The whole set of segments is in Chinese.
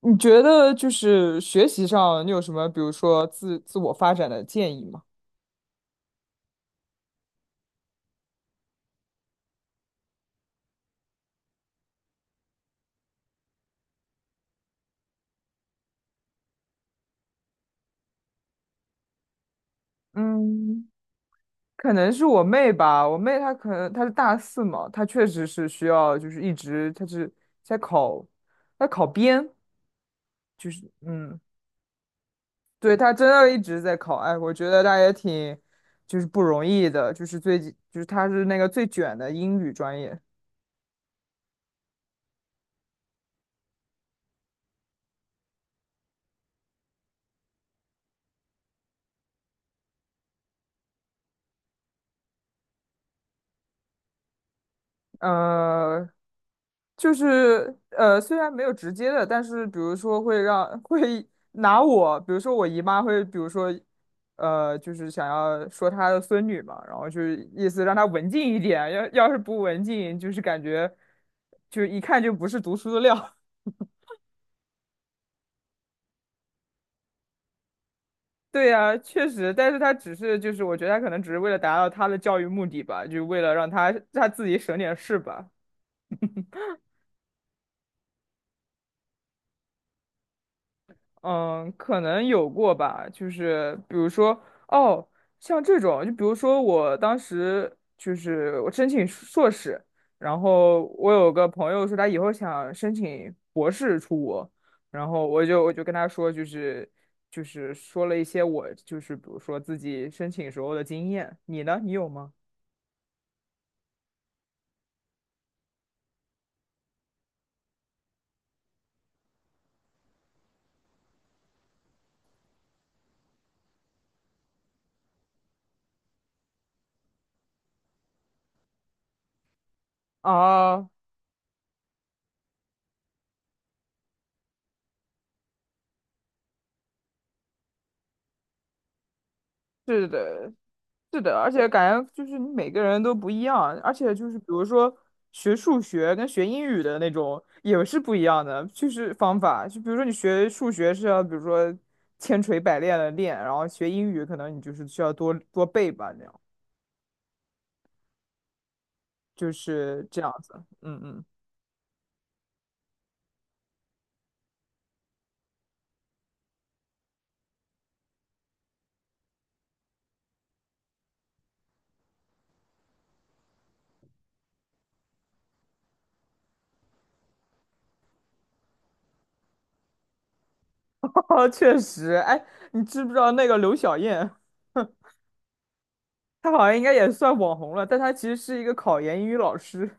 你觉得就是学习上，你有什么，比如说自我发展的建议吗？嗯，可能是我妹吧，我妹她可能她是大四嘛，她确实是需要就是一直她是在考，在考编，就是嗯，对，她真的一直在考，哎，我觉得她也挺就是不容易的，就是最近就是她是那个最卷的英语专业，呃，就是虽然没有直接的，但是比如说会让 会拿我，比如说我姨妈会，比如说就是想要说她的孙女嘛，然后就是意思让她文静一点，要是不文静，就是感觉就一看就不是读书的料。对呀，确实，但是她只是就是，我觉得她可能只是为了达到她的教育目的吧，就为了让她自己省点事吧。嗯，可能有过吧，就是比如说，哦，像这种，就比如说我当时就是我申请硕士，然后我有个朋友说他以后想申请博士出国，然后我就跟他说，就是就是说了一些我就是比如说自己申请时候的经验，你呢？你有吗？啊，是的，是的，而且感觉就是你每个人都不一样，而且就是比如说学数学跟学英语的那种也是不一样的，就是方法。就比如说你学数学是要，比如说千锤百炼的练，然后学英语可能你就是需要多多背吧，那样就是这样子。嗯嗯，哦确实。哎，你知不知道那个刘晓燕，她好像应该也算网红了，但她其实是一个考研英语老师。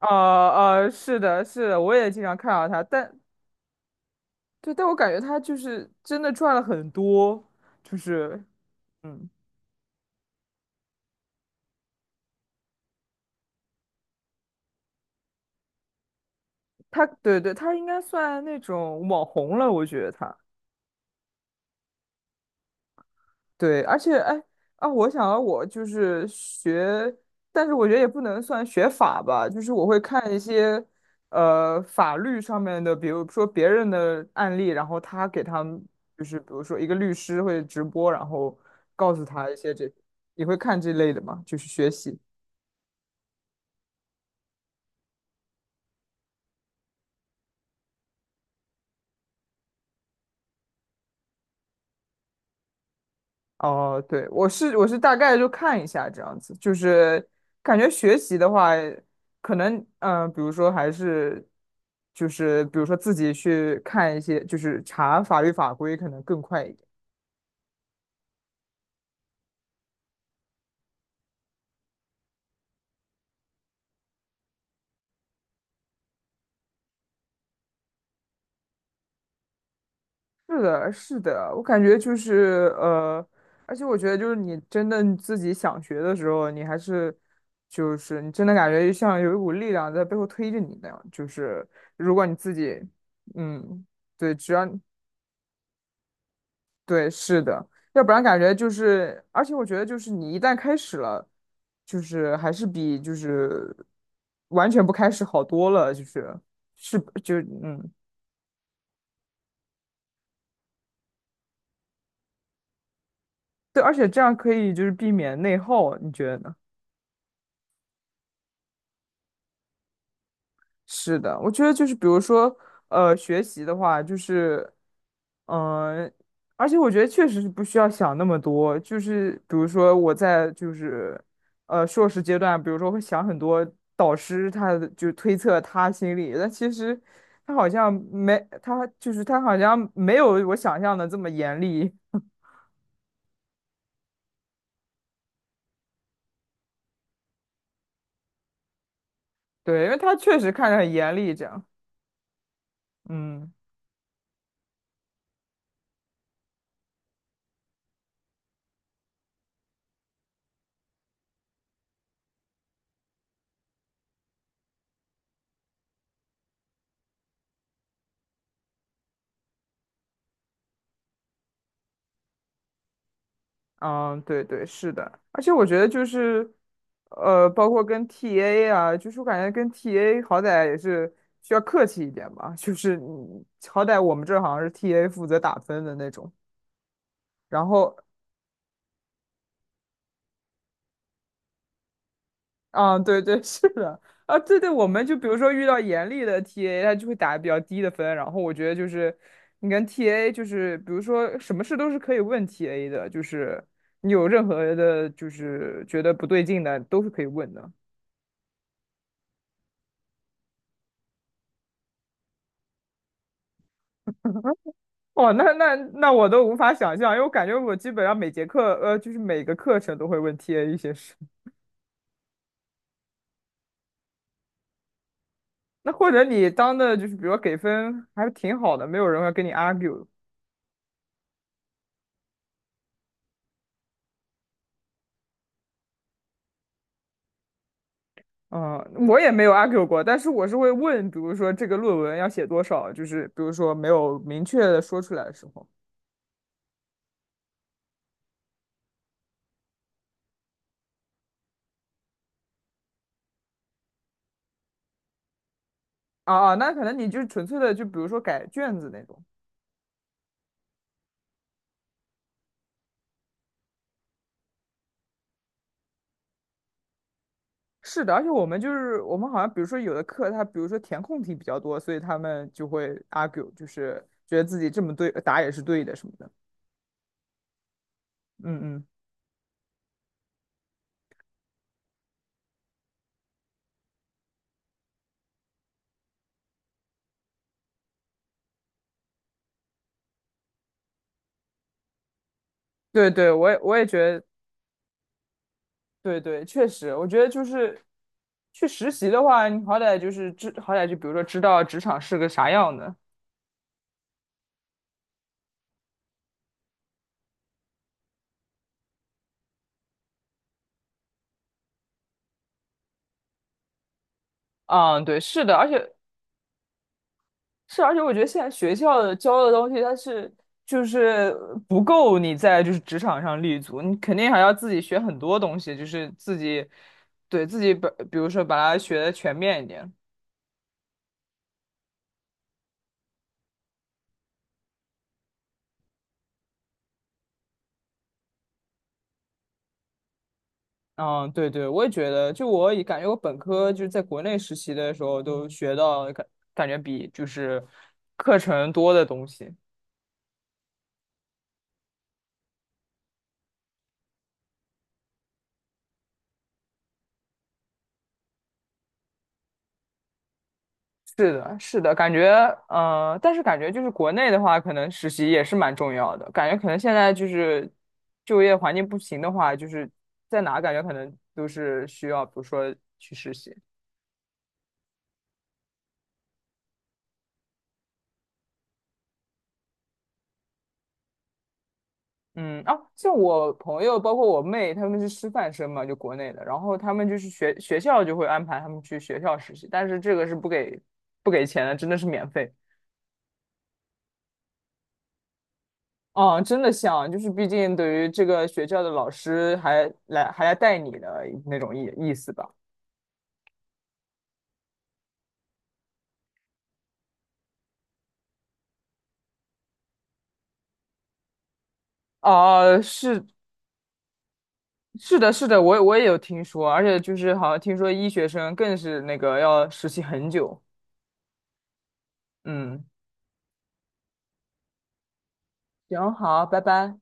是的，是的，我也经常看到她，但对，但我感觉他就是真的赚了很多，就是，嗯，他，他应该算那种网红了，我觉得他对，而且哎啊，我想到我就是学，但是我觉得也不能算学法吧，就是我会看一些呃法律上面的，比如说别人的案例，然后他给他们就是比如说一个律师会直播，然后告诉他一些这，你会看这类的吗？就是学习。哦，对，我是大概就看一下这样子，就是感觉学习的话，可能比如说还是就是比如说自己去看一些，就是查法律法规，可能更快一点。是的，是的，我感觉就是而且我觉得就是你真的你自己想学的时候，你还是就是你真的感觉像有一股力量在背后推着你那样，就是如果你自己嗯。对，只要对，是的，要不然感觉就是，而且我觉得就是你一旦开始了，就是还是比就是完全不开始好多了，就是是就嗯，对，而且这样可以就是避免内耗，你觉得呢？是的，我觉得就是比如说，学习的话，就是，嗯、而且我觉得确实是不需要想那么多。就是比如说我在就是，硕士阶段，比如说会想很多导师他的就推测他心里，但其实他好像没有我想象的这么严厉。对，因为他确实看着很严厉，这样。嗯。嗯，对对，是的，而且我觉得就是，包括跟 TA 啊，就是我感觉跟 TA 好歹也是需要客气一点吧，就是你好歹我们这好像是 TA 负责打分的那种，然后，啊，对对，是的，啊，对对，我们就比如说遇到严厉的 TA，他就会打比较低的分，然后我觉得就是你跟 TA 就是比如说什么事都是可以问 TA 的，就是你有任何的，就是觉得不对劲的，都是可以问的。哦，那我都无法想象，因为我感觉我基本上每节课，就是每个课程都会问 TA 一些事。那或者你当的就是，比如说给分还挺好的，没有人会跟你 argue。嗯，我也没有 argue 过，但是我是会问，比如说这个论文要写多少，就是比如说没有明确的说出来的时候。啊啊，那可能你就纯粹的，就比如说改卷子那种。是的，而且我们就是我们好像，比如说有的课，它比如说填空题比较多，所以他们就会 argue，就是觉得自己这么对答也是对的什么的。嗯嗯，对对，我也觉得，对对，确实，我觉得就是去实习的话，你好歹就是知，好歹就比如说知道职场是个啥样的。嗯，对，是的，而且是，而且我觉得现在学校的教的东西，它是就是不够你在就是职场上立足，你肯定还要自己学很多东西，就是自己对自己本，比如说把它学的全面一点。嗯，对对，我也觉得，就我也感觉我本科就是在国内实习的时候都学到感感觉比就是课程多的东西。是的，是的，感觉，但是感觉就是国内的话，可能实习也是蛮重要的。感觉可能现在就是就业环境不行的话，就是在哪感觉可能都是需要，比如说去实习。嗯，啊，像我朋友，包括我妹，他们是师范生嘛，就国内的，然后他们就是学学校就会安排他们去学校实习，但是这个是不给钱的，真的是免费。啊，真的像，就是毕竟对于这个学校的老师还来带你的那种意思吧。哦，是是的，是的，我我也有听说，而且就是好像听说医学生更是那个要实习很久。嗯，行，好，拜拜。